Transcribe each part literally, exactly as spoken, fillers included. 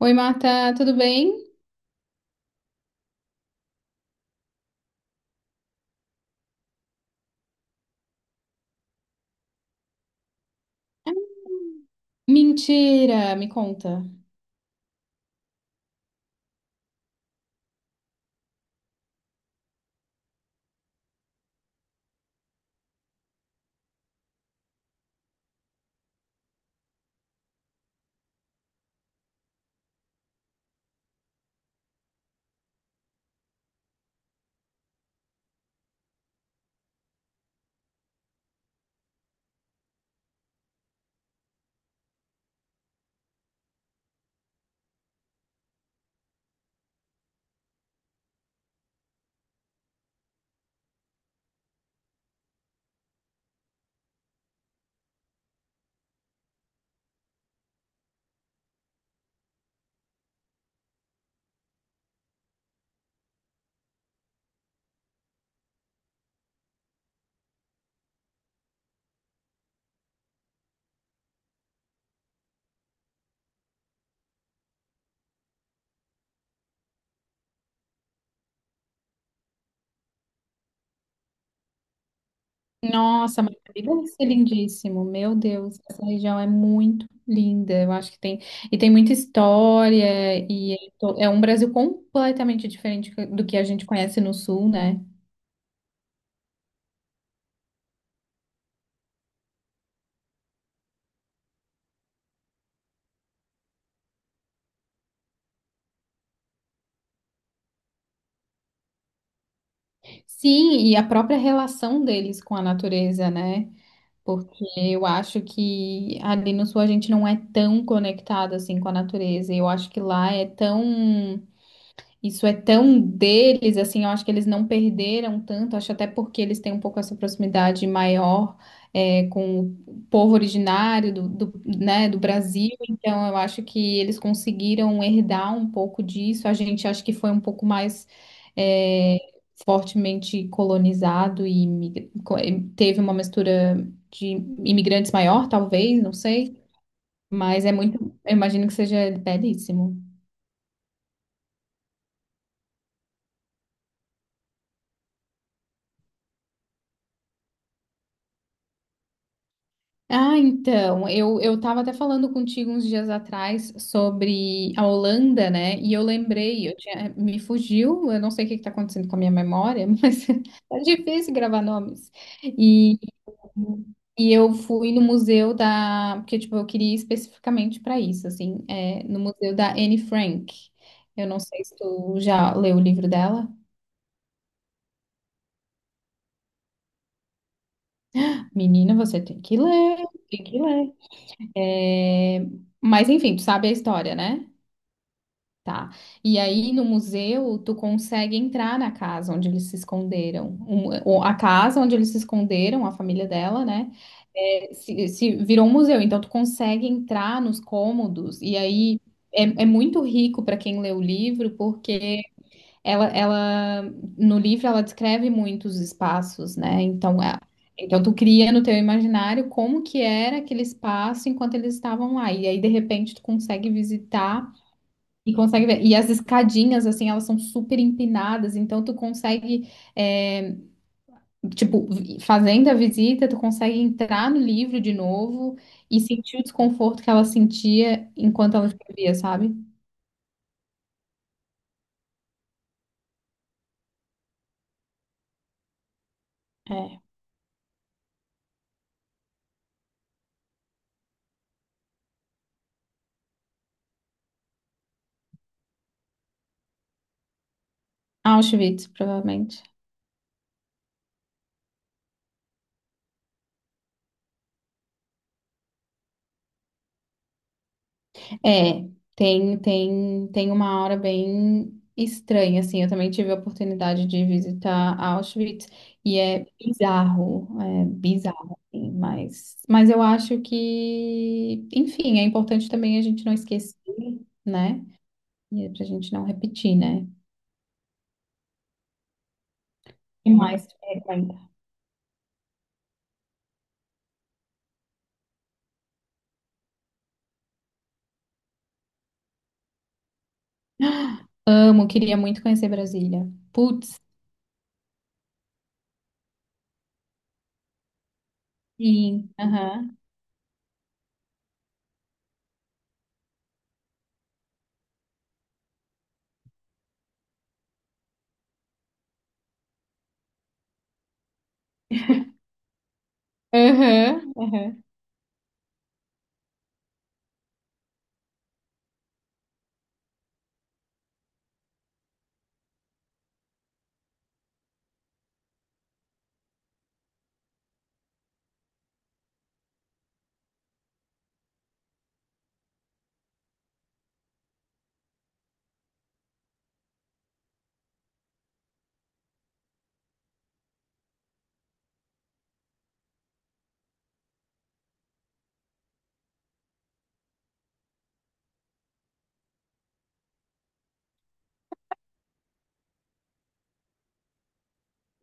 Oi, Marta, tudo bem? Ah, mentira, me conta. Nossa, mas deve ser lindíssimo. Meu Deus, essa região é muito linda. Eu acho que tem, e tem muita história e é to- é um Brasil completamente diferente do que a gente conhece no sul, né? Sim, e a própria relação deles com a natureza, né? Porque eu acho que ali no sul a gente não é tão conectado assim com a natureza. E eu acho que lá é tão... Isso é tão deles, assim, eu acho que eles não perderam tanto, acho até porque eles têm um pouco essa proximidade maior, é, com o povo originário do, do, né, do Brasil, então eu acho que eles conseguiram herdar um pouco disso, a gente acho que foi um pouco mais, é, fortemente colonizado e imigra- co- e teve uma mistura de imigrantes maior, talvez, não sei, mas é muito, eu imagino que seja belíssimo. Ah, então, eu, eu estava até falando contigo uns dias atrás sobre a Holanda, né? E eu lembrei, eu tinha, eh, me fugiu, eu não sei o que está acontecendo com a minha memória, mas é difícil gravar nomes. E, e eu fui no museu da, porque tipo, eu queria ir especificamente para isso, assim, é, no museu da Anne Frank. Eu não sei se tu já leu o livro dela. Menina, você tem que ler, tem que ler. É, mas enfim, tu sabe a história, né? Tá. E aí no museu tu consegue entrar na casa onde eles se esconderam. Um- ou a casa onde eles se esconderam, a família dela, né? É, se, se virou um museu, então tu consegue entrar nos cômodos. E aí é, é muito rico para quem lê o livro, porque ela, ela no livro ela descreve muitos espaços, né? Então, a- então tu cria no teu imaginário como que era aquele espaço enquanto eles estavam lá. E aí de repente tu consegue visitar e consegue ver. E as escadinhas, assim, elas são super empinadas, então tu consegue, é, tipo, vi- fazendo a visita, tu consegue entrar no livro de novo e sentir o desconforto que ela sentia enquanto ela escrevia, sabe? É. Auschwitz, provavelmente. É, tem, tem, tem uma hora bem estranha, assim. Eu também tive a oportunidade de visitar Auschwitz e é bizarro, é bizarro, assim, mas, mas eu acho que, enfim, é importante também a gente não esquecer, né? E é pra gente não repetir, né? E mais que frequenta. Amo, queria muito conhecer Brasília. Putz, sim, aham, aham, aham.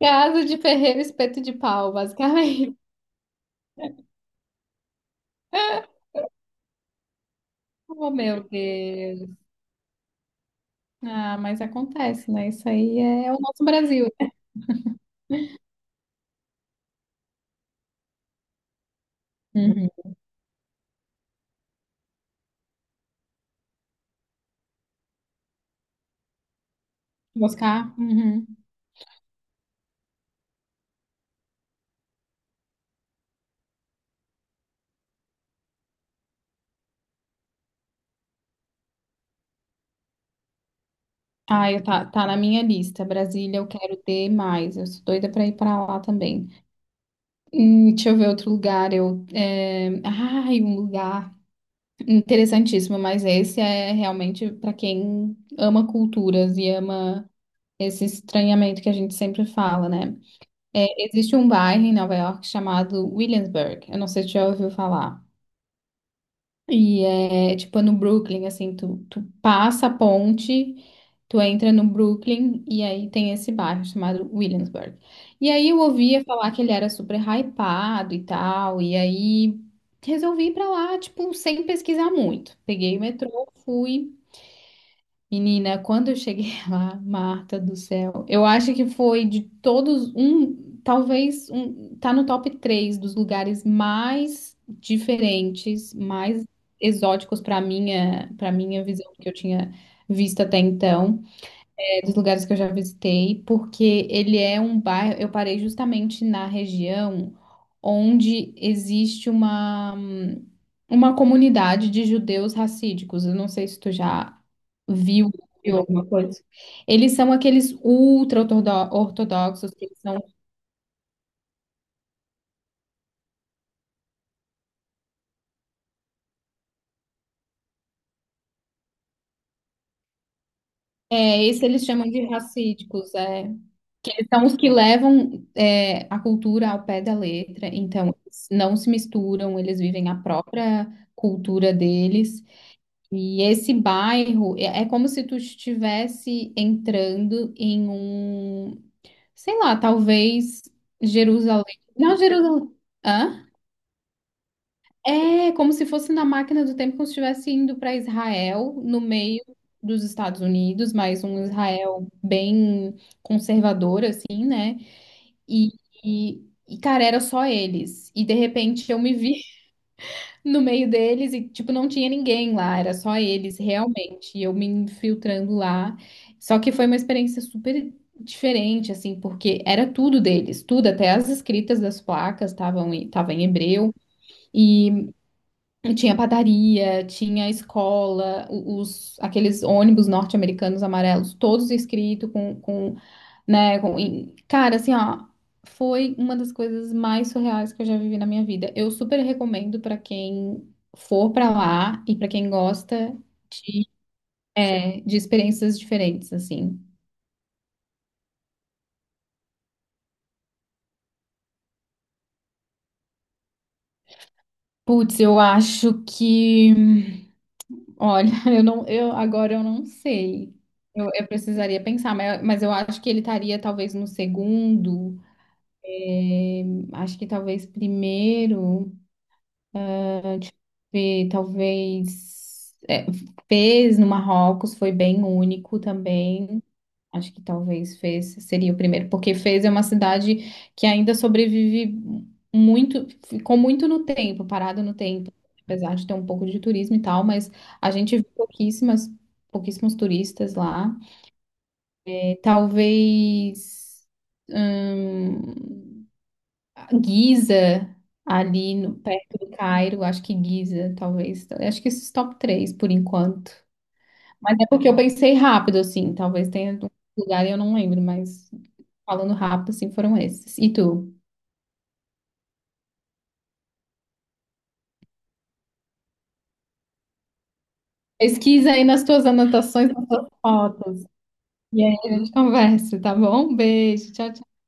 Casa de ferreiro, espeto de pau, basicamente. Oh, meu Deus. Ah, mas acontece, né? Isso aí é o nosso Brasil. Uhum. Buscar? Uhum. Ah, eu tá, tá na minha lista. Brasília, eu quero ter mais. Eu sou doida pra ir pra lá também. Hum, deixa eu ver outro lugar. Eu, é... Ai, um lugar interessantíssimo, mas esse é realmente pra quem ama culturas e ama esse estranhamento que a gente sempre fala, né? É, existe um bairro em Nova York chamado Williamsburg. Eu não sei se você já ouviu falar. E é tipo é no Brooklyn, assim, tu, tu passa a ponte, tu entra no Brooklyn e aí tem esse bairro chamado Williamsburg. E aí eu ouvia falar que ele era super hypado e tal, e aí resolvi ir pra lá, tipo, sem pesquisar muito. Peguei o metrô, fui. Menina, quando eu cheguei lá, Marta do céu, eu acho que foi de todos um, talvez um, tá no top três dos lugares mais diferentes, mais exóticos para minha, para minha visão que eu tinha visto até então, dos lugares que eu já visitei, porque ele é um bairro. Eu parei justamente na região onde existe uma, uma comunidade de judeus racídicos. Eu não sei se tu já viu, viu alguma coisa. Eles são aqueles ultra-ortodoxos, que eles são. É, esse eles chamam de racídicos. É. Eles são os que levam é, a cultura ao pé da letra, então eles não se misturam, eles vivem a própria cultura deles. E esse bairro é, é como se tu estivesse entrando em um, sei lá, talvez Jerusalém. Não, Jerusalém. Hã? É como se fosse na máquina do tempo, como se estivesse indo para Israel, no meio dos Estados Unidos, mas um Israel bem conservador, assim. E, e, e, cara, era só eles. E de repente eu me vi no meio deles e, tipo, não tinha ninguém lá, era só eles, realmente. E eu me infiltrando lá. Só que foi uma experiência super diferente, assim, porque era tudo deles, tudo, até as escritas das placas estavam em, tava em hebreu. E tinha padaria, tinha escola, o- os, aqueles ônibus norte-americanos amarelos, todos escritos com, com, né? Com- e, cara, assim, ó, foi uma das coisas mais surreais que eu já vivi na minha vida. Eu super recomendo pra quem for pra lá e pra quem gosta de, é, de experiências diferentes, assim. Putz, eu acho que, olha, eu não, eu agora eu não sei. Eu, eu precisaria pensar, mas, mas eu acho que ele estaria talvez no segundo, é, acho que talvez primeiro. Tive, talvez, é, Fez no Marrocos foi bem único também. Acho que talvez Fez seria o primeiro, porque Fez é uma cidade que ainda sobrevive muito, ficou muito no tempo, parada no tempo, apesar de ter um pouco de turismo e tal, mas a gente viu pouquíssimas, pouquíssimos turistas lá. É, talvez, hum, Giza, ali no- perto do Cairo, acho que Giza, talvez. Acho que esses top três por enquanto. Mas é porque eu pensei rápido, assim. Talvez tenha um lugar e eu não lembro, mas falando rápido, assim, foram esses. E tu? Pesquisa aí nas tuas anotações, nas tuas fotos. E aí a gente conversa, tá bom? Beijo, tchau, tchau.